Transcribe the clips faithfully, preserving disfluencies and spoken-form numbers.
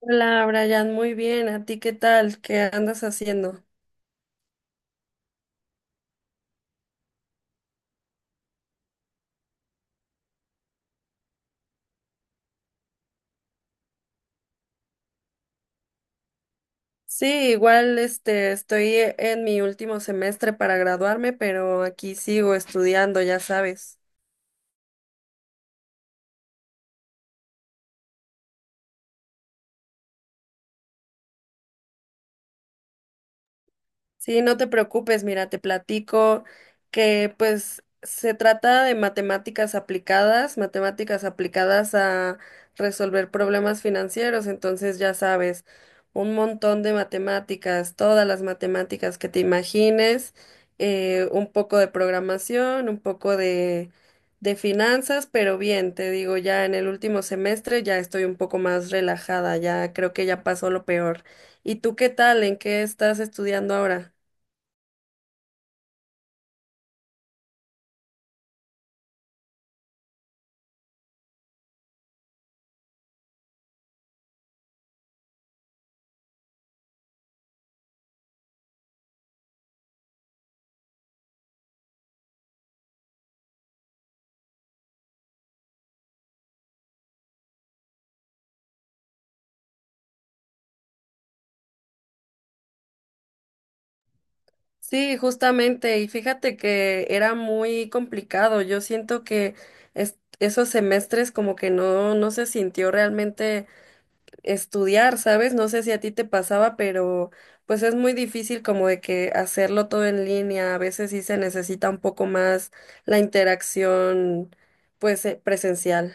Hola, Brian, muy bien. ¿A ti qué tal? ¿Qué andas haciendo? Sí, igual este estoy en mi último semestre para graduarme, pero aquí sigo estudiando, ya sabes. Sí, no te preocupes, mira, te platico que pues se trata de matemáticas aplicadas, matemáticas aplicadas a resolver problemas financieros, entonces ya sabes, un montón de matemáticas, todas las matemáticas que te imagines, eh, un poco de programación, un poco de, de finanzas, pero bien, te digo, ya en el último semestre ya estoy un poco más relajada, ya creo que ya pasó lo peor. ¿Y tú qué tal? ¿En qué estás estudiando ahora? Sí, justamente, y fíjate que era muy complicado. Yo siento que es- esos semestres como que no, no se sintió realmente estudiar, ¿sabes? No sé si a ti te pasaba, pero pues es muy difícil como de que hacerlo todo en línea. A veces sí se necesita un poco más la interacción, pues, eh, presencial.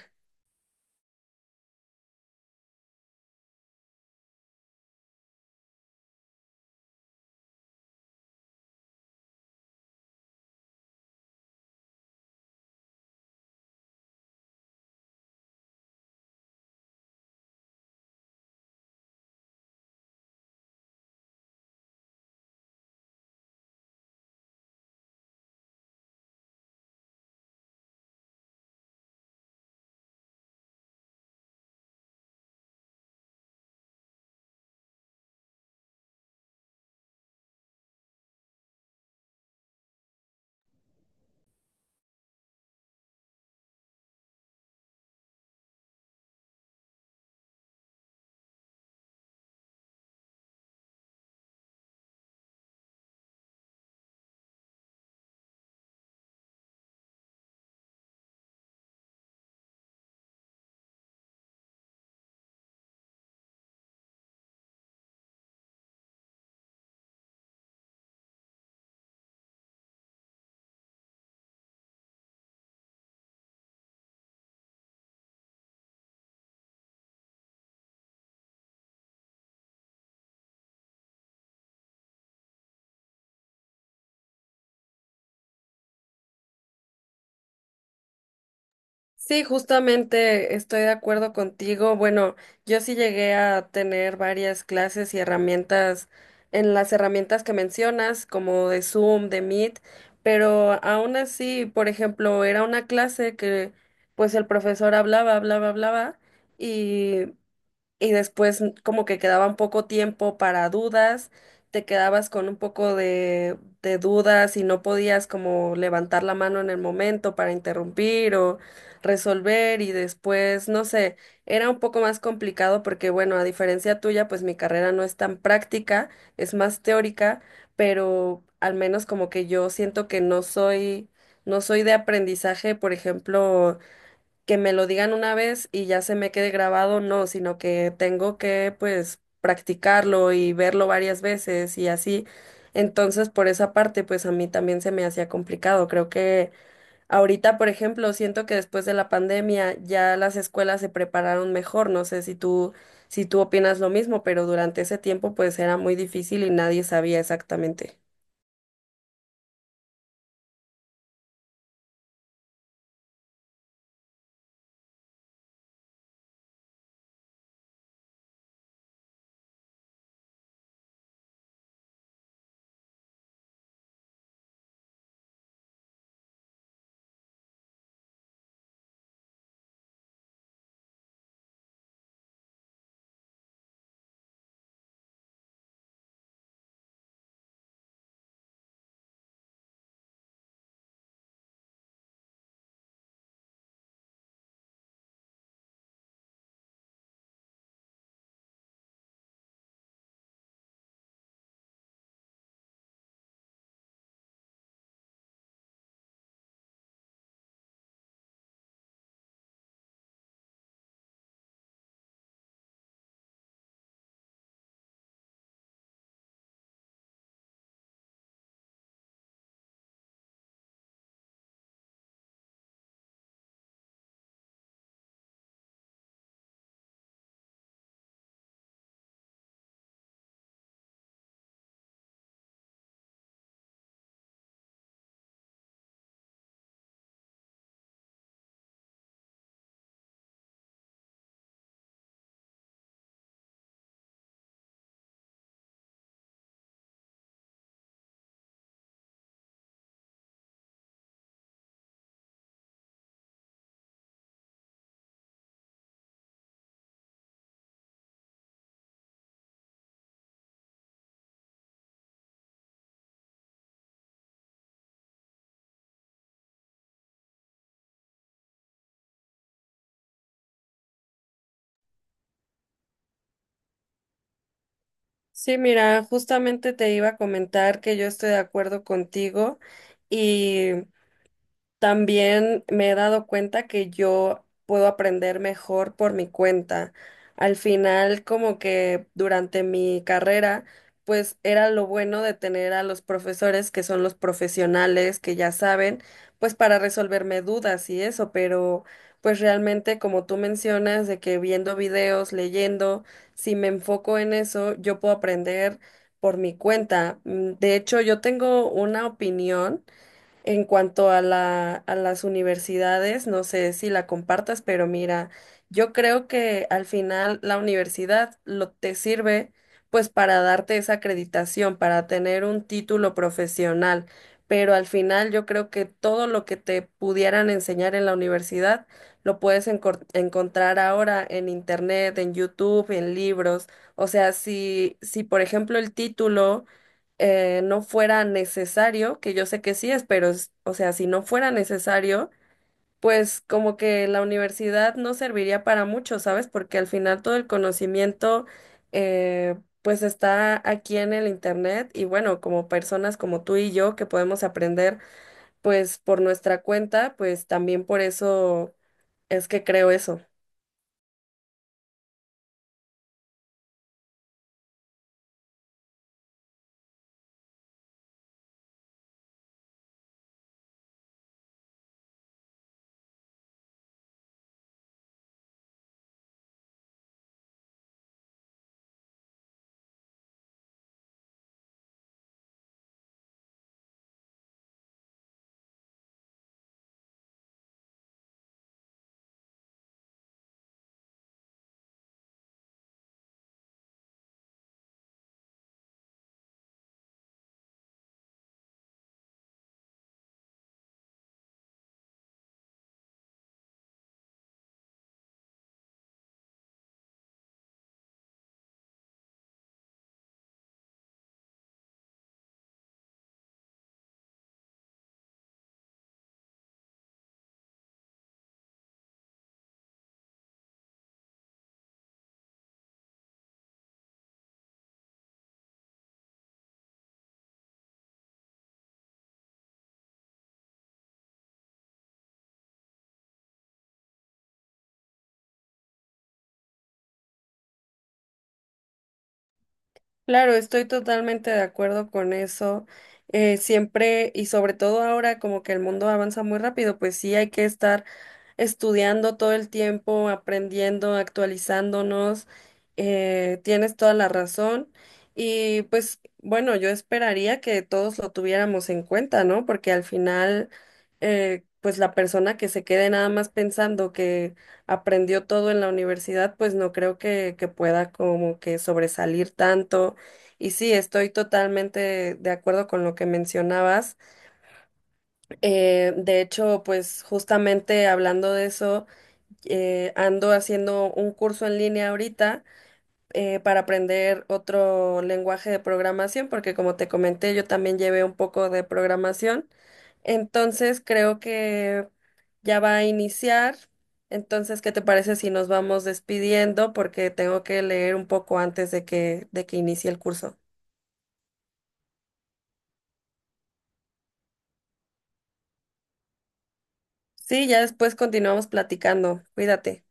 Sí, justamente estoy de acuerdo contigo. Bueno, yo sí llegué a tener varias clases y herramientas en las herramientas que mencionas, como de Zoom, de Meet, pero aún así, por ejemplo, era una clase que pues el profesor hablaba, hablaba, hablaba y después como que quedaba un poco tiempo para dudas, te quedabas con un poco de, de dudas y no podías como levantar la mano en el momento para interrumpir o resolver y después, no sé, era un poco más complicado porque bueno, a diferencia tuya, pues mi carrera no es tan práctica, es más teórica, pero al menos como que yo siento que no soy, no soy de aprendizaje, por ejemplo, que me lo digan una vez y ya se me quede grabado, no, sino que tengo que pues practicarlo y verlo varias veces y así. Entonces, por esa parte, pues a mí también se me hacía complicado. Creo que ahorita, por ejemplo, siento que después de la pandemia ya las escuelas se prepararon mejor. No sé si tú, si tú opinas lo mismo, pero durante ese tiempo pues era muy difícil y nadie sabía exactamente. Sí, mira, justamente te iba a comentar que yo estoy de acuerdo contigo y también me he dado cuenta que yo puedo aprender mejor por mi cuenta. Al final, como que durante mi carrera, pues era lo bueno de tener a los profesores que son los profesionales que ya saben, pues para resolverme dudas y eso, pero pues realmente como tú mencionas, de que viendo videos, leyendo, si me enfoco en eso, yo puedo aprender por mi cuenta. Mm. De hecho, yo tengo una opinión en cuanto a la, a las universidades, no sé si la compartas, pero mira, yo creo que al final la universidad lo te sirve pues para darte esa acreditación, para tener un título profesional, pero al final yo creo que todo lo que te pudieran enseñar en la universidad lo puedes encor- encontrar ahora en internet, en YouTube, en libros. O sea, si si por ejemplo el título eh, no fuera necesario, que yo sé que sí es, pero, es- o sea, si no fuera necesario, pues como que la universidad no serviría para mucho, ¿sabes? Porque al final todo el conocimiento, eh, pues está aquí en el internet y bueno, como personas como tú y yo que podemos aprender, pues por nuestra cuenta, pues también por eso es que creo eso. Claro, estoy totalmente de acuerdo con eso. Eh, siempre y sobre todo ahora como que el mundo avanza muy rápido, pues sí hay que estar estudiando todo el tiempo, aprendiendo, actualizándonos. Eh, tienes toda la razón. Y pues bueno, yo esperaría que todos lo tuviéramos en cuenta, ¿no? Porque al final, eh, pues la persona que se quede nada más pensando que aprendió todo en la universidad, pues no creo que, que pueda como que sobresalir tanto. Y sí, estoy totalmente de acuerdo con lo que mencionabas. Eh, de hecho, pues justamente hablando de eso, eh, ando haciendo un curso en línea ahorita eh, para aprender otro lenguaje de programación, porque como te comenté, yo también llevé un poco de programación. Entonces creo que ya va a iniciar. Entonces, ¿qué te parece si nos vamos despidiendo? Porque tengo que leer un poco antes de que, de que inicie el curso. Sí, ya después continuamos platicando. Cuídate.